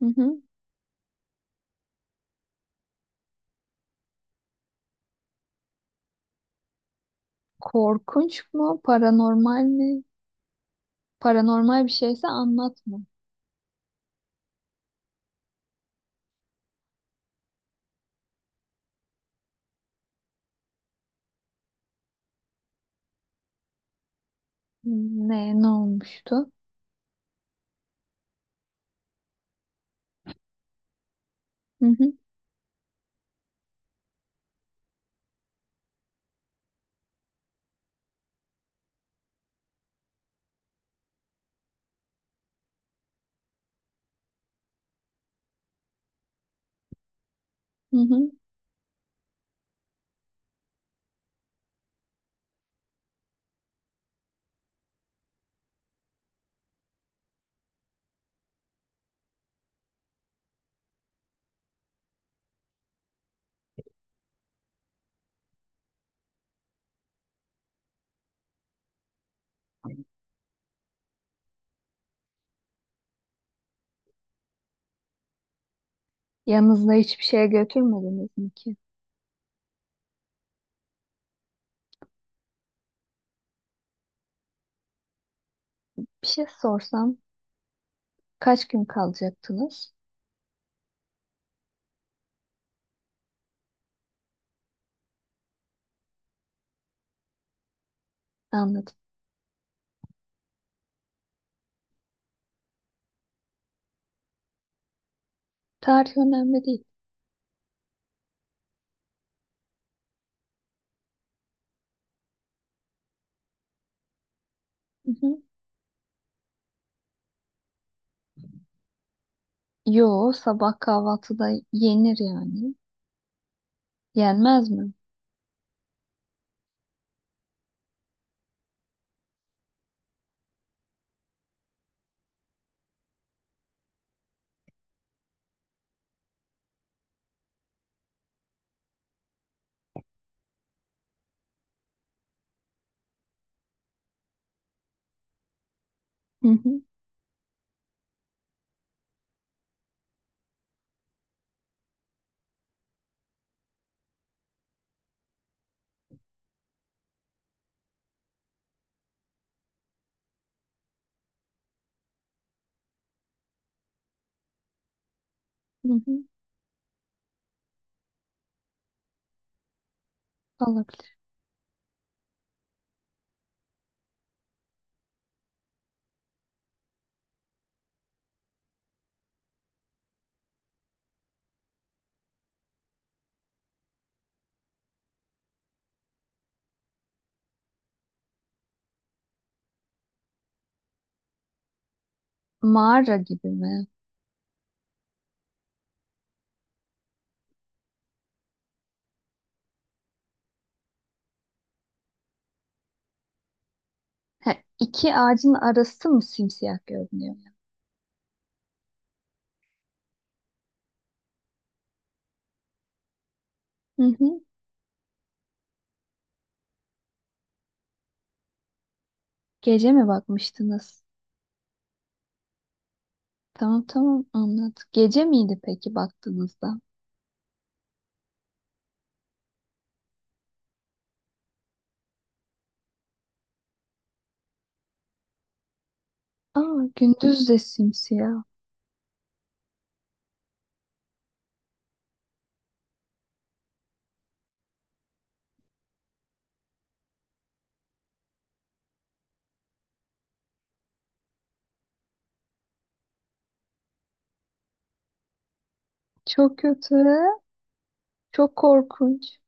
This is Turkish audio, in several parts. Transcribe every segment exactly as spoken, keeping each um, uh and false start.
Hı hı. Korkunç mu? Paranormal mi? Paranormal bir şeyse anlatma. Ne, ne olmuştu? Hı hı, hı hı. Yanınızda hiçbir şeye götürmediniz mi ki? Bir şey sorsam kaç gün kalacaktınız? Anladım. Tarih önemli değil. Hı hı. Yo, sabah kahvaltıda yenir yani. Yenmez mi? Hı hı, hı hı. Olabilir. Mağara gibi mi? Ha, iki ağacın arası mı simsiyah görünüyor? Hı hı. Gece mi bakmıştınız? Tamam tamam anladım. Gece miydi peki baktığınızda? Aa gündüz de simsiyah. Çok kötü. Çok korkunç.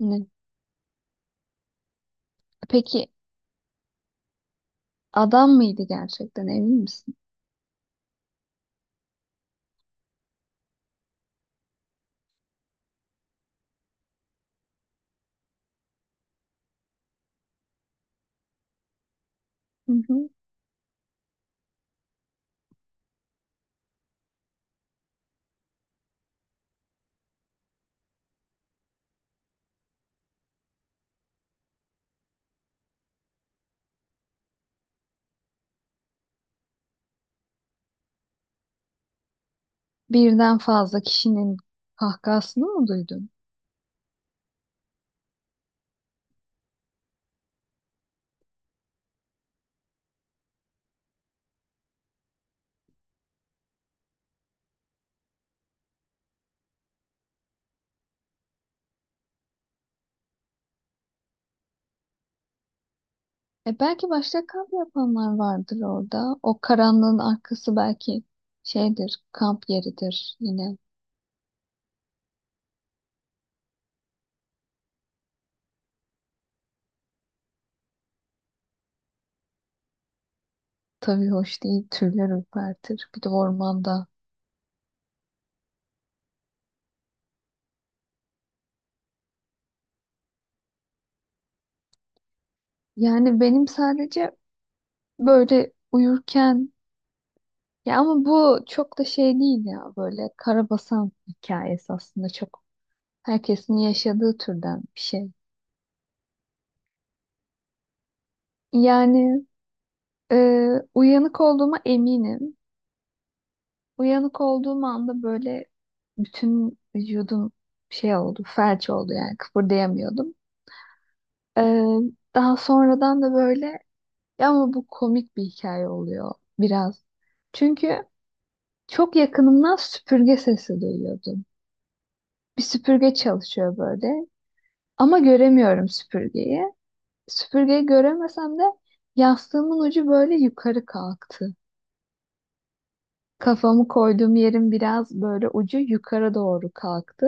Ne? Peki adam mıydı gerçekten emin misin? Hı hı. Birden fazla kişinin kahkahasını mı duydun? E belki başka kamp yapanlar vardır orada. O karanlığın arkası belki şeydir, kamp yeridir. Yine tabii hoş değil, tüyler ürpertir. Bir de ormanda. Yani benim sadece böyle uyurken. Ya ama bu çok da şey değil ya, böyle karabasan hikayesi aslında çok herkesin yaşadığı türden bir şey. Yani e, uyanık olduğuma eminim. Uyanık olduğum anda böyle bütün vücudum şey oldu, felç oldu yani kıpırdayamıyordum. E, daha sonradan da böyle ya ama bu komik bir hikaye oluyor biraz. Çünkü çok yakınımdan süpürge sesi duyuyordum. Bir süpürge çalışıyor böyle. Ama göremiyorum süpürgeyi. Süpürgeyi göremesem de yastığımın ucu böyle yukarı kalktı. Kafamı koyduğum yerin biraz böyle ucu yukarı doğru kalktı.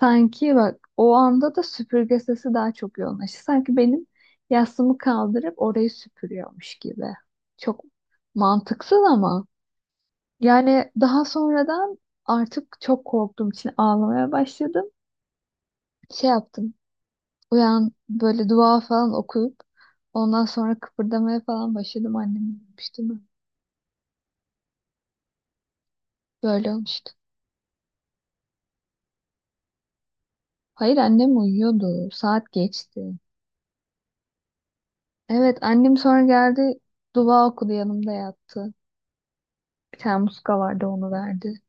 Sanki bak o anda da süpürge sesi daha çok yoğunlaştı. Sanki benim yastığımı kaldırıp orayı süpürüyormuş gibi. Çok mantıksız ama. Yani daha sonradan artık çok korktuğum için ağlamaya başladım. Şey yaptım. Uyan böyle dua falan okuyup ondan sonra kıpırdamaya falan başladım, annemi uyumuş değil. Böyle olmuştu. Hayır, annem uyuyordu. Saat geçti. Evet, annem sonra geldi, dua okudu, yanımda yattı. Bir tane muska vardı, onu verdi.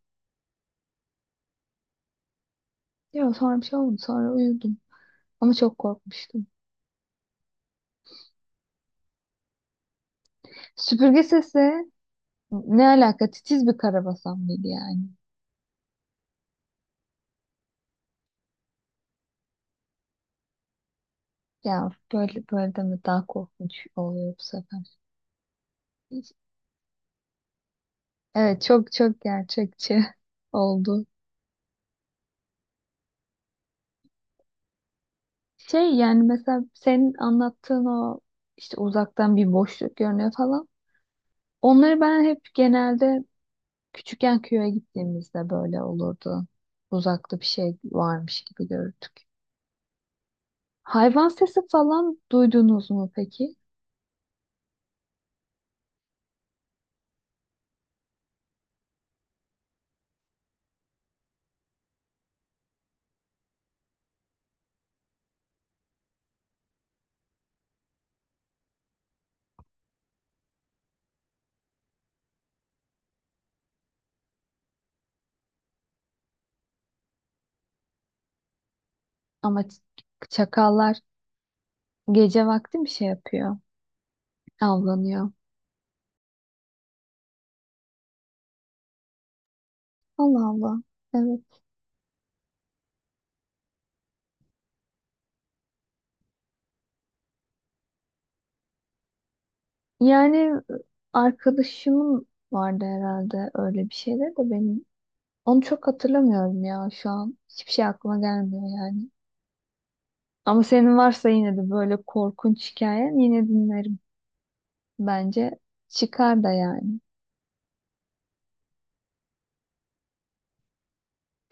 Ya sonra bir şey olmadı, sonra uyudum. Ama çok korkmuştum. Süpürge sesi ne alaka, titiz bir karabasan mıydı yani? Ya böyle böyle deme, daha korkunç oluyor bu sefer. Evet, çok çok gerçekçi oldu. Şey yani mesela senin anlattığın o işte uzaktan bir boşluk görünüyor falan. Onları ben hep genelde küçükken köye gittiğimizde böyle olurdu. Uzakta bir şey varmış gibi görürdük. Hayvan sesi falan duydunuz mu peki? Ama ç- çakallar gece vakti bir şey yapıyor? Avlanıyor. Allah Allah. Evet. Yani arkadaşımın vardı herhalde, öyle bir şeyler de benim. Onu çok hatırlamıyorum ya şu an. Hiçbir şey aklıma gelmiyor yani. Ama senin varsa yine de böyle korkunç hikayen, yine dinlerim. Bence çıkar da yani.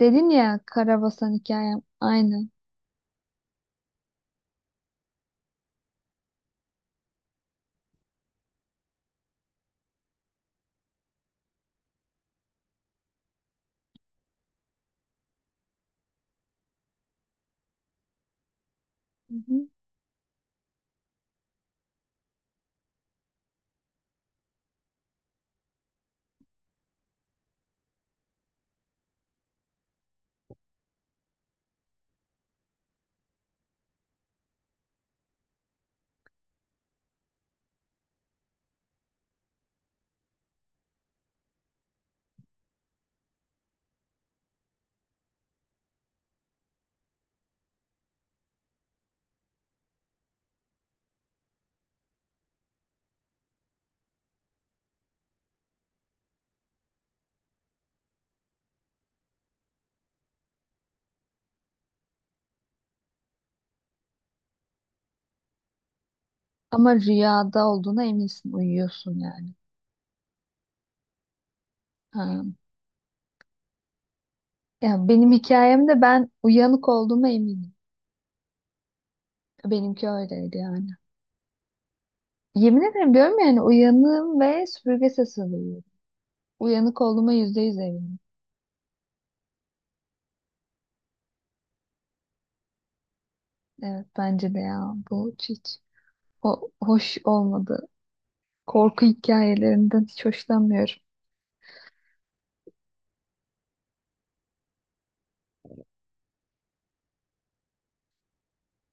Dedin ya, karabasan hikayem aynı. Hı hı. Ama rüyada olduğuna eminsin, uyuyorsun yani. Ha. Ya benim hikayemde ben uyanık olduğuma eminim. Benimki öyleydi yani. Yemin ederim diyorum yani uyanığım ve süpürge sesi duyuyorum. Uyanık olduğuma yüzde yüz eminim. Evet bence de, ya bu hiç. O hoş olmadı. Korku hikayelerinden hiç hoşlanmıyorum.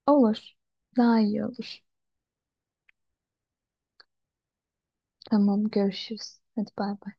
Olur. Daha iyi olur. Tamam, görüşürüz. Hadi bay bay.